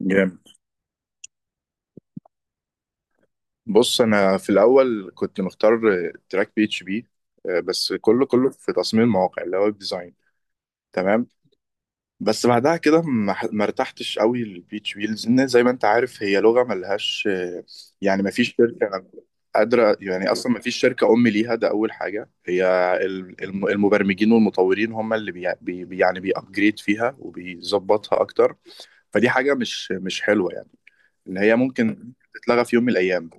جامد. بص، انا في الاول كنت مختار تراك بي اتش بي، بس كله كله في تصميم المواقع اللي هو ويب ديزاين. تمام. بس بعدها كده ما ارتحتش قوي للبي اتش بي، لان زي ما انت عارف هي لغه ملهاش، يعني ما فيش شركه قادره، يعني اصلا ما فيش شركه ام ليها، ده اول حاجه. هي المبرمجين والمطورين هم اللي يعني بيأبجريد فيها وبيظبطها اكتر، فدي حاجه مش حلوه يعني، اللي هي ممكن تتلغى في يوم من الايام.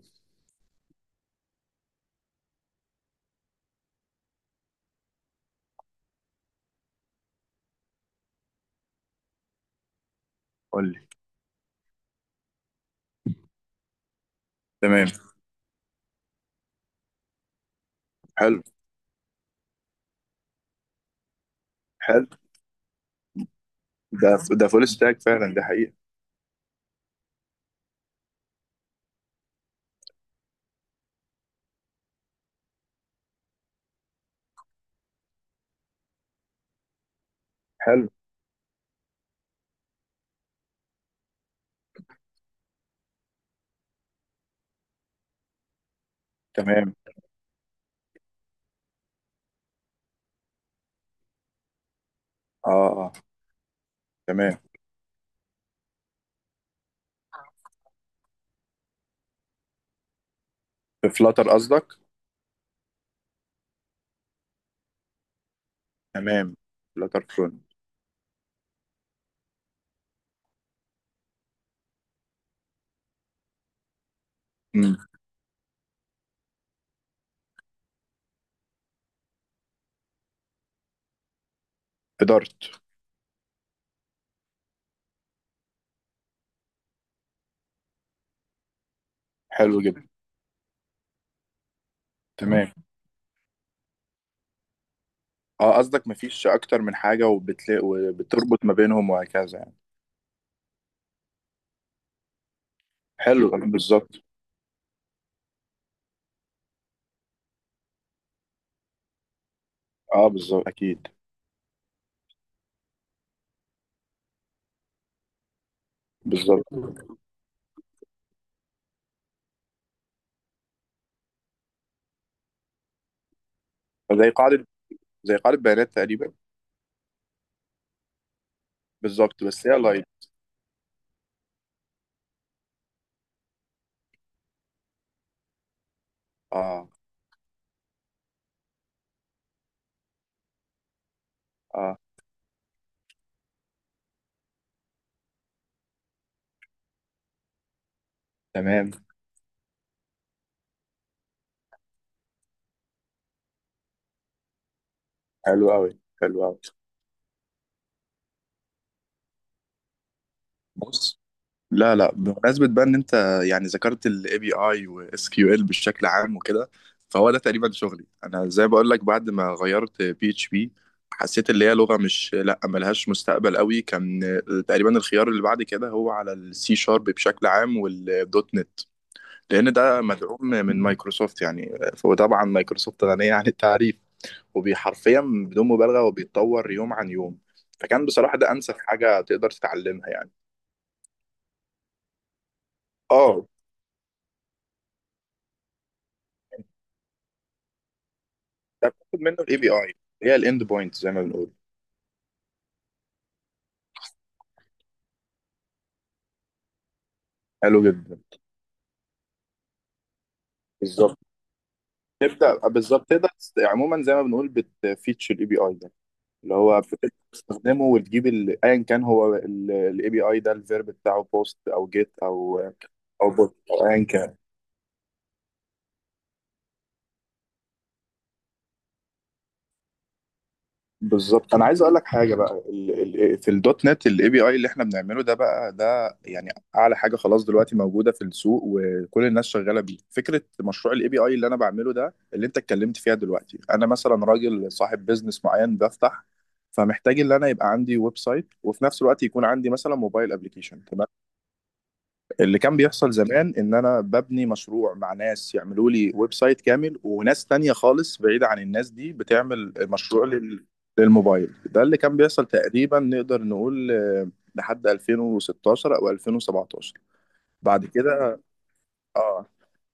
قول لي. تمام. حلو. حلو. ده ده فول ستاك فعلا، ده حقيقة. حلو. تمام. اه اه. تمام. في فلاتر قصدك. تمام. فلاتر فرونت. امم. في دارت. حلو جدا. تمام. اه، قصدك مفيش اكتر من حاجة وبتلاقي وبتربط ما بينهم وهكذا يعني. حلو، بالظبط. اه بالظبط، اكيد. بالظبط. زي قاعدة زي قاعدة بيانات تقريبا. بالظبط، بس هي لايت. اه. اه. تمام. حلو قوي. حلو قوي. لا لا، بمناسبة بقى ان انت يعني ذكرت الاي بي اي واس كيو ال بشكل عام وكده، فهو ده تقريبا شغلي انا، زي بقول لك بعد ما غيرت بي اتش بي حسيت اللي هي لغة مش لا ملهاش مستقبل قوي. كان تقريبا الخيار اللي بعد كده هو على السي شارب بشكل عام والدوت نت، لان ده مدعوم من مايكروسوفت يعني، وطبعا مايكروسوفت غنية عن التعريف، وبيحرفيا بدون مبالغة وبيتطور يوم عن يوم، فكان بصراحة ده انسب حاجة تقدر تتعلمها يعني. اه. ده بتاخد منه الاي بي اي، هي الاند بوينت زي ما بنقول. حلو جدا. بالظبط. تبدا بالظبط تقدر عموما زي ما بنقول بتفيتشر الاي بي اي ده، اللي هو بتبدا تستخدمه وتجيب ايا كان هو الاي بي اي ده الفيرب بتاعه بوست او جيت او، او بوت او ايا كان. بالظبط، انا عايز اقول لك حاجه بقى، في الدوت نت الاي بي اي اللي احنا بنعمله ده بقى ده يعني اعلى حاجه خلاص دلوقتي موجوده في السوق، وكل الناس شغاله بيه. فكره مشروع الاي بي اي اللي انا بعمله ده اللي انت اتكلمت فيها دلوقتي، انا مثلا راجل صاحب بيزنس معين بفتح، فمحتاج ان انا يبقى عندي ويب سايت وفي نفس الوقت يكون عندي مثلا موبايل ابلكيشن. اللي كان بيحصل زمان ان انا ببني مشروع مع ناس يعملوا لي ويب سايت كامل، وناس تانية خالص بعيدة عن الناس دي بتعمل مشروع للموبايل. ده اللي كان بيحصل تقريبا نقدر نقول لحد 2016 او 2017. بعد كده. اه.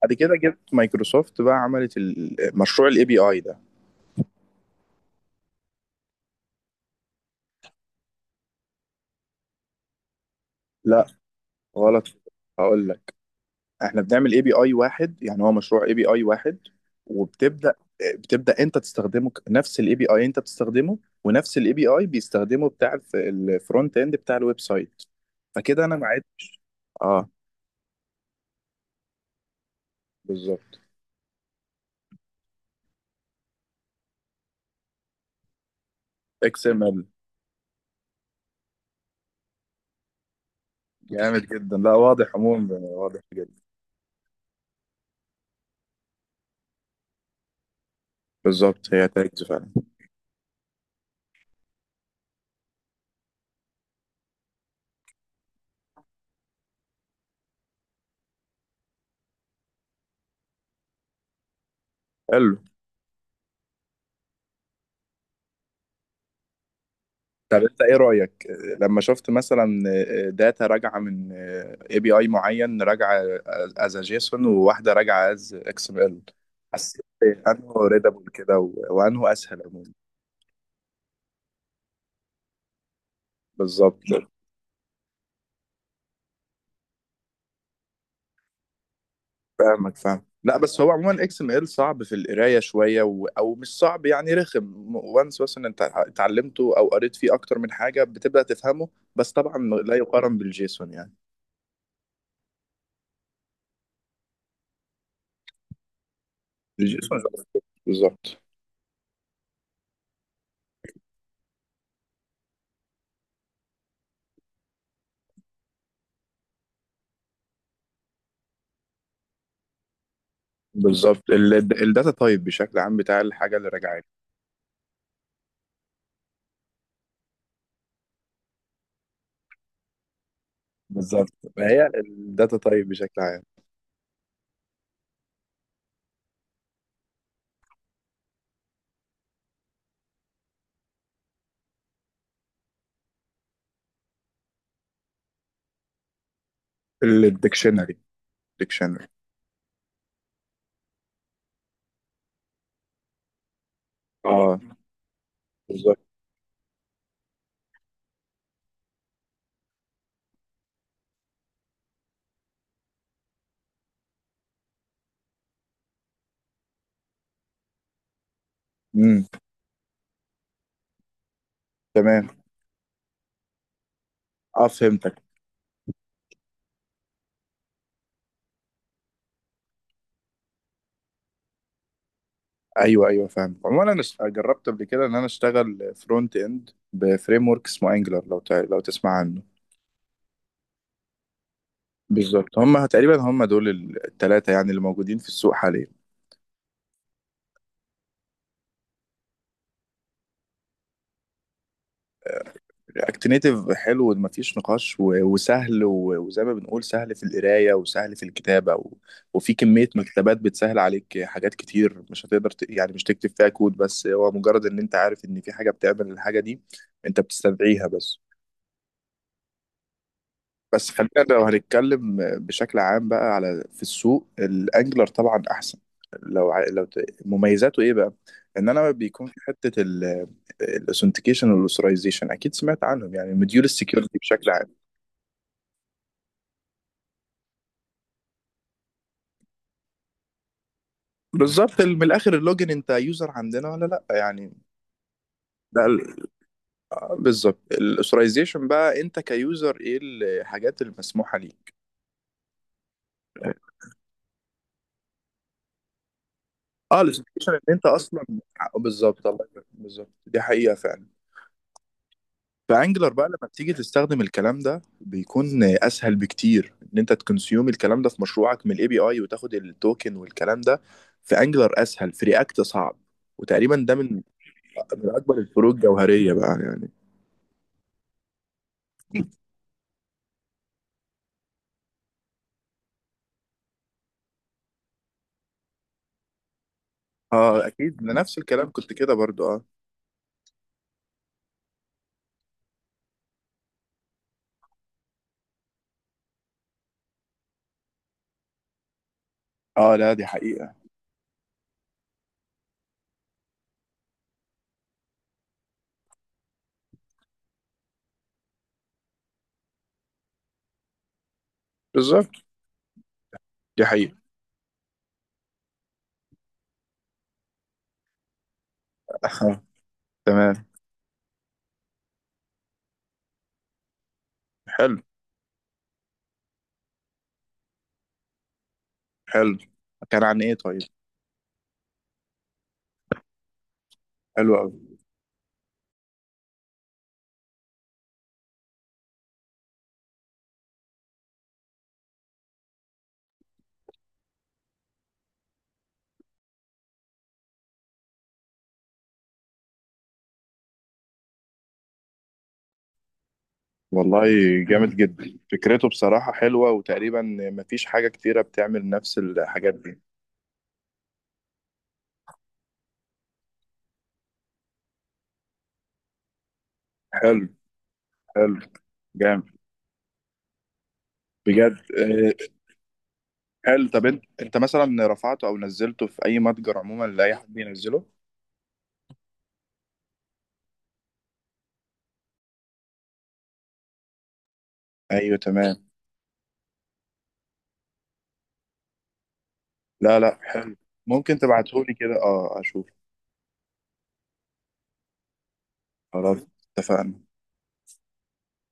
بعد كده جبت مايكروسوفت بقى، عملت مشروع الاي بي اي ده. لا. غلط. هقول لك، احنا بنعمل اي بي اي واحد، يعني هو مشروع اي بي اي واحد. وبتبدا انت تستخدمه، نفس الاي بي اي انت بتستخدمه، ونفس الاي بي اي بيستخدمه بتاع الفرونت اند بتاع الويب سايت. فكده انا معايا. اه. بالظبط. اكس ام ال. جامد جدا، لا واضح، عموما واضح جدا. بالظبط، هي تاجز فعلا. حلو، طب انت ايه رايك لما شفت مثلا داتا راجعه من اي بي اي معين، راجعه از جيسون وواحده راجعه از اكس ام ال، حسيت إيه؟ انه ريدابل كده وانه اسهل عموما. بالظبط. فاهمك، فاهم، لا بس هو عموما اكس ام ال صعب في القرايه شويه او مش صعب يعني رخم، وانس مثلا انت اتعلمته او قريت فيه اكتر من حاجه بتبدا تفهمه. بس طبعا. لا يقارن بالجيسون يعني. الجيسون. بالظبط. بالظبط الداتا تايب بشكل عام بتاع الحاجه اللي راجعه لي. بالظبط هي الداتا تايب بشكل عام. الديكشنري. ديكشنري. اه. بالظبط. امم. تمام. اه فهمتك. ايوه ايوه، فاهم عموما. انا جربت قبل كده ان انا اشتغل فرونت اند بفريم ورك اسمه انجلر، لو تسمع عنه. بالظبط، هم تقريبا هم دول الثلاثه يعني اللي موجودين في السوق حاليا. اكتنيتيف حلو، مفيش نقاش، وسهل، وزي ما بنقول سهل في القرايه وسهل في الكتابه و، وفي كميه مكتبات بتسهل عليك حاجات كتير مش هتقدر يعني مش تكتب فيها كود، بس هو مجرد ان انت عارف ان في حاجه بتعمل الحاجه دي، انت بتستدعيها بس. بس خلينا لو هنتكلم بشكل عام بقى على في السوق، الانجلر طبعا احسن. لو ع- لو ت- مميزاته ايه بقى؟ ان انا بيكون في حته الاثنتيكيشن والاوثرايزيشن، اكيد سمعت عنهم، يعني مديول السكيورتي بشكل عام. بالظبط، من الاخر اللوجن انت يوزر عندنا ولا لا يعني. ده بالظبط. الاثورايزيشن بقى، انت كيوزر ايه الحاجات المسموحه ليك. اه، الاثورايزيشن ان انت اصلا، بالظبط، الله يبارك، بالظبط دي حقيقه فعلا. فانجلر بقى لما بتيجي تستخدم الكلام ده بيكون اسهل بكتير ان انت تكونسيوم الكلام ده في مشروعك من الاي بي اي وتاخد التوكن والكلام ده، في انجلر اسهل، في رياكت صعب. وتقريبا ده من اكبر الفروق الجوهريه بقى يعني. اه اكيد، أنا نفس الكلام كنت كده برضو اه. اه لا دي حقيقة. بالظبط دي حقيقة. آه. تمام. حلو. حلو. كان عن ايه طيب؟ حلو قوي. والله جامد جدا، فكرته بصراحة حلوة، وتقريبا مفيش حاجة كتيرة بتعمل نفس الحاجات دي. حلو. حلو. جامد. بجد، حلو. طب انت مثلا رفعته او نزلته في اي متجر عموما لاي حد ينزله؟ ايوه تمام. لا لا حلو. ممكن تبعتهولي كده، اه اشوف. خلاص. اتفقنا.